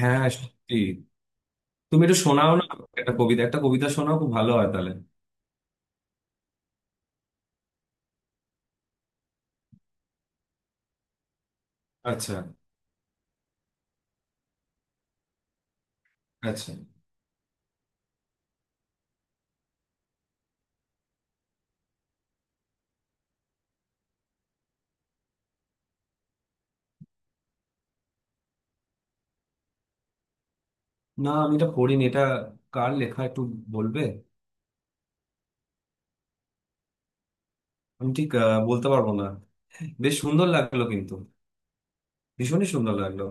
হ্যাঁ, সত্যি। তুমি এটা শোনাও না। একটা কবিতা, একটা কবিতা শোনাও, খুব ভালো হয় তাহলে। আচ্ছা। আচ্ছা, না, আমি এটা পড়িনি এটা। কার লেখা একটু বলবে? আমি ঠিক বলতে পারবো না। বেশ সুন্দর লাগলো কিন্তু। ভীষণই সুন্দর লাগলো।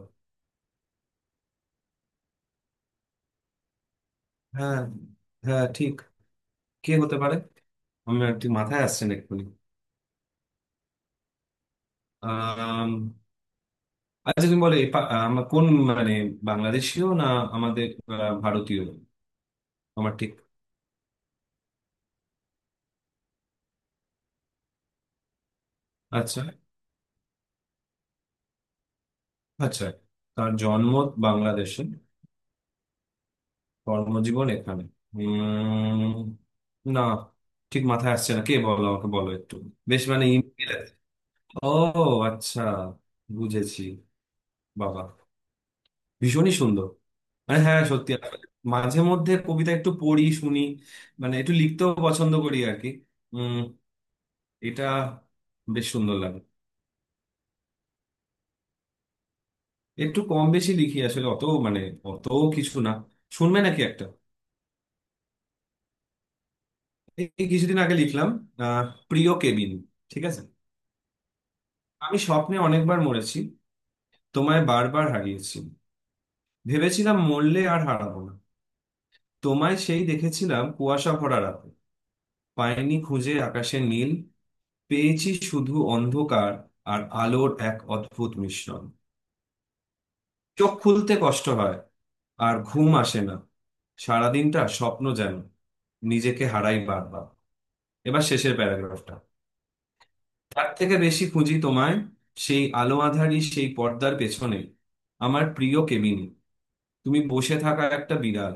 হ্যাঁ। হ্যাঁ, ঠিক। কে হতে পারে? আমার ঠিক মাথায় আসছে না এক্ষুনি। আম, আচ্ছা, তুমি বলে আমার কোন মানে, বাংলাদেশীয় না আমাদের ভারতীয়? আমার ঠিক। আচ্ছা। আচ্ছা, তার জন্ম বাংলাদেশে, কর্মজীবন এখানে। উম, না, ঠিক মাথায় আসছে না। কে বলো, আমাকে বলো একটু। বেশ, মানে ইমেল। ও, আচ্ছা, বুঝেছি। বাবা, ভীষণই সুন্দর। মানে হ্যাঁ, সত্যি, আসলে মাঝে মধ্যে কবিতা একটু পড়ি, শুনি। মানে একটু লিখতেও পছন্দ করি আর কি। উম। এটা বেশ সুন্দর লাগে। একটু কম বেশি লিখি আসলে, অত মানে অত কিছু না। শুনবে নাকি একটা? এই কিছুদিন আগে লিখলাম। আহ, প্রিয় কেবিন। ঠিক আছে। আমি স্বপ্নে অনেকবার মরেছি, তোমায় বারবার হারিয়েছি। ভেবেছিলাম মরলে আর হারাবো না। তোমায় সেই দেখেছিলাম কুয়াশা ভরা রাতে। পাইনি খুঁজে আকাশে নীল, পেয়েছি শুধু অন্ধকার আর আলোর এক অদ্ভুত মিশ্রণ। চোখ খুলতে কষ্ট হয়, আর ঘুম আসে না। সারাদিনটা স্বপ্ন যেন, নিজেকে হারাই বারবার। এবার শেষের প্যারাগ্রাফটা। তার থেকে বেশি খুঁজি তোমায়, সেই আলো আঁধারি, সেই পর্দার পেছনে, আমার প্রিয় কেবিনে। তুমি বসে থাকা একটা বিড়াল,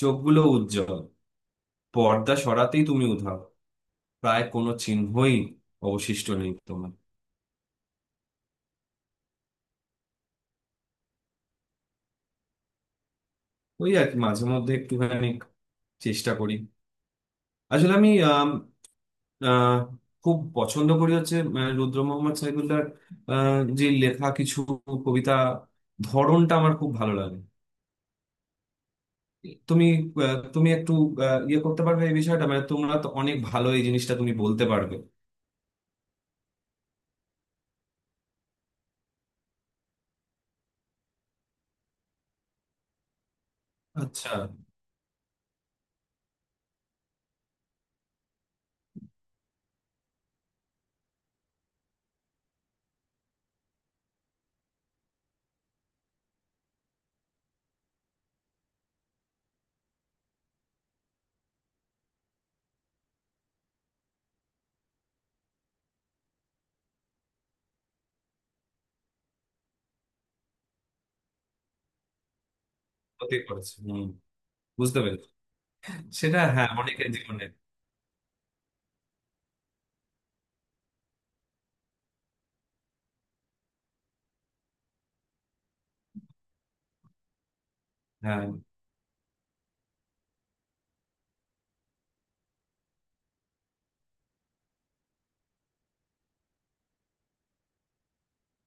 চোখগুলো উজ্জ্বল। পর্দা সরাতেই তুমি উধাও, প্রায় কোনো চিহ্নই অবশিষ্ট নেই তোমার। ওই আর কি, মাঝে মধ্যে একটুখানি চেষ্টা করি। আসলে আমি আহ, খুব পছন্দ করি হচ্ছে রুদ্র মোহাম্মদ সাইফুল্লাহর যে লেখা, কিছু কবিতা ধরনটা আমার খুব ভালো লাগে। তুমি তুমি একটু ইয়ে করতে পারবে এই বিষয়টা, মানে তোমরা তো অনেক ভালো, এই জিনিসটা তুমি বলতে পারবে। আচ্ছা। হতে করেছে, হম, বুঝতে পেরেছি। সেটা, হ্যাঁ, অনেকের জীবনে। হ্যাঁ।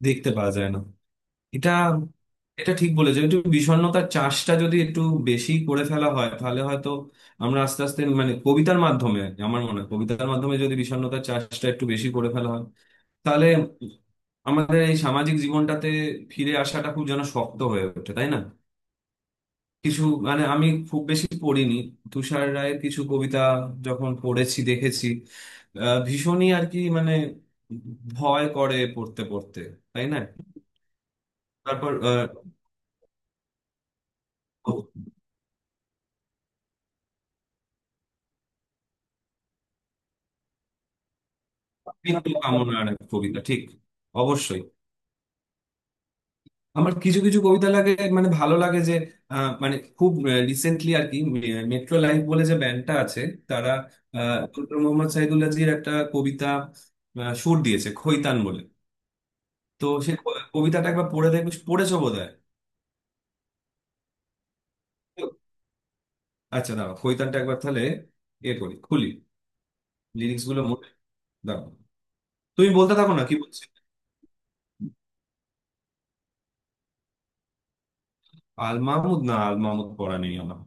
দেখতে পাওয়া যায় না। এটা, এটা ঠিক বলেছো, একটু বিষণ্ণতার চাষটা যদি একটু বেশি করে ফেলা হয় তাহলে হয়তো আমরা আস্তে আস্তে মানে কবিতার মাধ্যমে, আমার মনে হয় কবিতার মাধ্যমে যদি বিষণ্ণতার চাষটা একটু বেশি করে ফেলা হয় তাহলে আমাদের এই সামাজিক জীবনটাতে ফিরে আসাটা খুব যেন শক্ত হয়ে ওঠে, তাই না? কিছু, মানে আমি খুব বেশি পড়িনি, তুষার রায়ের কিছু কবিতা যখন পড়েছি দেখেছি ভীষণই আর কি, মানে ভয় করে পড়তে পড়তে, তাই না? তারপর আহ, মৃত্যু কামনার এক কবিতা, ঠিক, অবশ্যই। আমার কিছু কিছু কবিতা লাগে, মানে ভালো লাগে যে মানে খুব রিসেন্টলি আর কি, মেট্রো লাইফ বলে যে ব্যান্ডটা আছে, তারা ডক্টর মোহাম্মদ সাইদুল্লাহজির একটা কবিতা সুর দিয়েছে, খৈতান বলে। তো সে কবিতাটা একবার পড়ে দেখবে, পড়েছো বোধহয়। আচ্ছা, দাঁড়াও, খৈতানটা একবার তাহলে এ করি, খুলি। লিরিক্স গুলো মোট, দাঁড়াও। তুমি বলতে থাকো না, কি বলছি। আল মাহমুদ, না, আল মাহমুদ পড়া নেই আমার।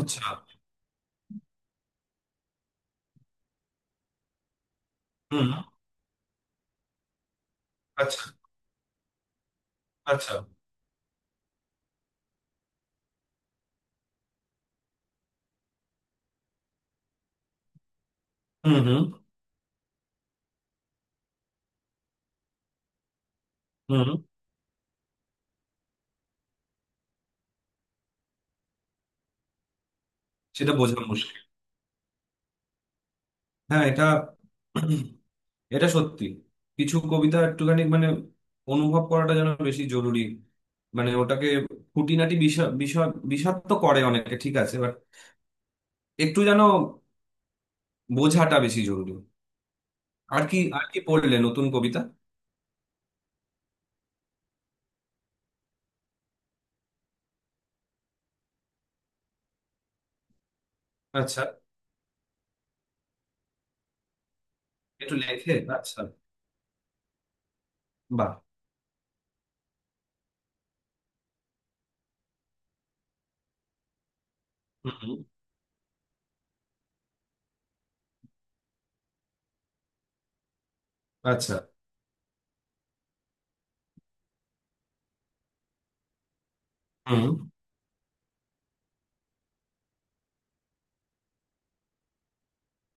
আচ্ছা। হুম। আচ্ছা। আচ্ছা। হুম। হুম। হুম। সেটা বোঝা মুশকিল। হ্যাঁ, এটা এটা সত্যি। কিছু কবিতা একটুখানি মানে অনুভব করাটা যেন বেশি জরুরি। মানে ওটাকে খুঁটিনাটি বিষয় বিষয় বিষাদ তো করে অনেকে, ঠিক আছে, বাট একটু যেন বোঝাটা বেশি জরুরি। আর কি, আর কি পড়লে নতুন কবিতা? আচ্ছা। একটু লেখে। আচ্ছা। বাহ। হুম। আচ্ছা। হুম।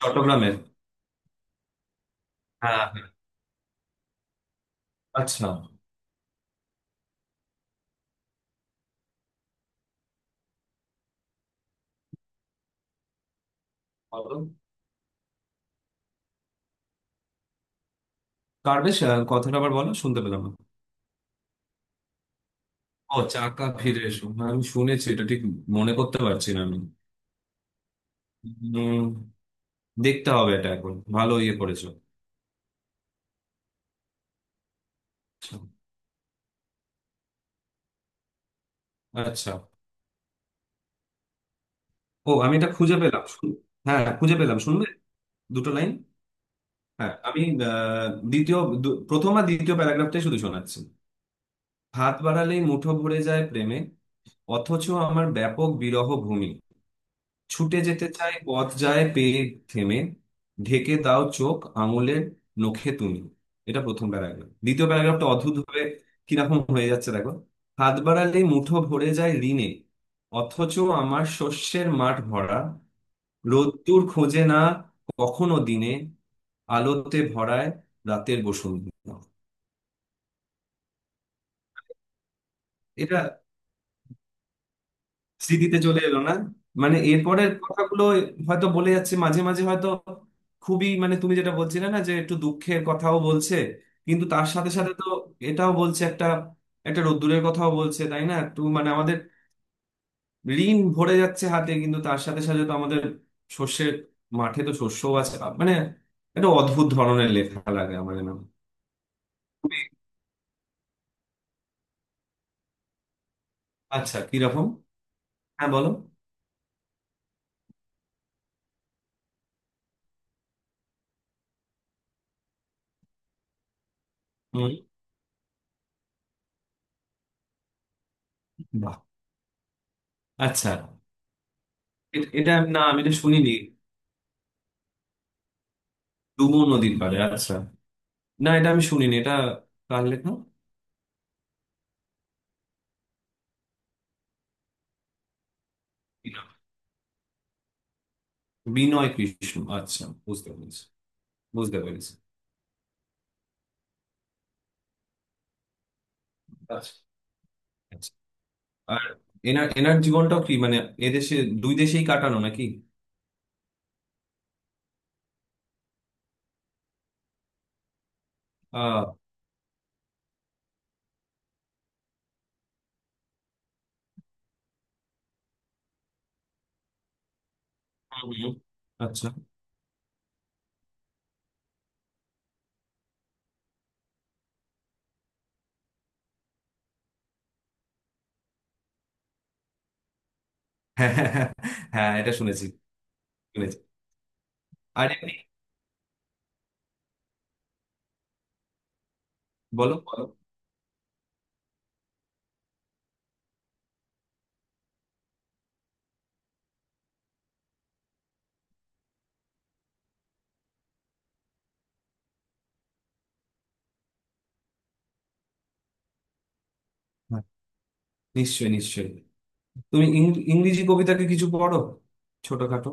চট্টগ্রামের। হ্যাঁ, হ্যাঁ। আচ্ছা। বলো। কার? বেশ, কথাটা আবার বলো, শুনতে পেলাম না। ও, চাকা ফিরে এসো, হ্যাঁ, আমি শুনেছি এটা, ঠিক। মনে করতে পারছি না আমি। উম, দেখতে হবে এটা এখন, ভালো ইয়ে করেছো। আচ্ছা। ও, আমি এটা খুঁজে পেলাম, হ্যাঁ, খুঁজে পেলাম, শুনবে? দুটো লাইন। হ্যাঁ, আমি দ্বিতীয়, প্রথম আর দ্বিতীয় প্যারাগ্রাফটাই শুধু শোনাচ্ছি। হাত বাড়ালেই মুঠো ভরে যায় প্রেমে, অথচ আমার ব্যাপক বিরহ ভূমি। ছুটে যেতে চাই পথ, যায় পেয়ে থেমে। ঢেকে দাও চোখ আঙুলের নখে তুমি। এটা প্রথম প্যারাগ্রাফ। দ্বিতীয় প্যারাগ্রাফটা অদ্ভুত ভাবে কিরকম হয়ে যাচ্ছে দেখো। হাত বাড়ালে মুঠো ভরে যায় ঋণে, অথচ আমার শস্যের মাঠ ভরা। রোদ্দুর খোঁজে না কখনো দিনে, আলোতে ভরায় রাতের বসন্ত। এটা স্মৃতিতে চলে এলো না। মানে এরপরের কথাগুলো হয়তো বলে যাচ্ছে, মাঝে মাঝে হয়তো খুবই, মানে তুমি যেটা বলছিলে না, যে একটু দুঃখের কথাও বলছে, কিন্তু তার সাথে সাথে তো এটাও বলছে, একটা একটা রোদ্দুরের কথাও বলছে, তাই না? তো মানে আমাদের ঋণ ভরে যাচ্ছে হাতে, কিন্তু তার সাথে সাথে তো আমাদের শস্যের মাঠে তো শস্যও আছে। মানে একটা অদ্ভুত ধরনের লেখা লাগে আমার, নাম। আচ্ছা, কিরকম? হ্যাঁ, বলো। হম। বাহ। আচ্ছা। এটা না, আমি এটা শুনিনি। ডুমো নদীর পাড়ে, আচ্ছা। না, এটা আমি শুনিনি, এটা কার লেখা? বিনয় কৃষ্ণ, আচ্ছা, বুঝতে পেরেছি, বুঝতে পেরেছি। আচ্ছা। আচ্ছা। আর এনার এনার জীবনটাও কি মানে এদেশে, দুই দেশেই কাটানো নাকি? আহ। হুম, হুম। আচ্ছা। হ্যাঁ, হ্যাঁ, হ্যাঁ। হ্যাঁ, এটা শুনেছি। শুনেছি। আর এমনি? বলো, বলো। হ্যাঁ, নিশ্চয়ই, নিশ্চয়ই। তুমি ইংরেজি কবিতাকে কিছু পড়ো, ছোটখাটো?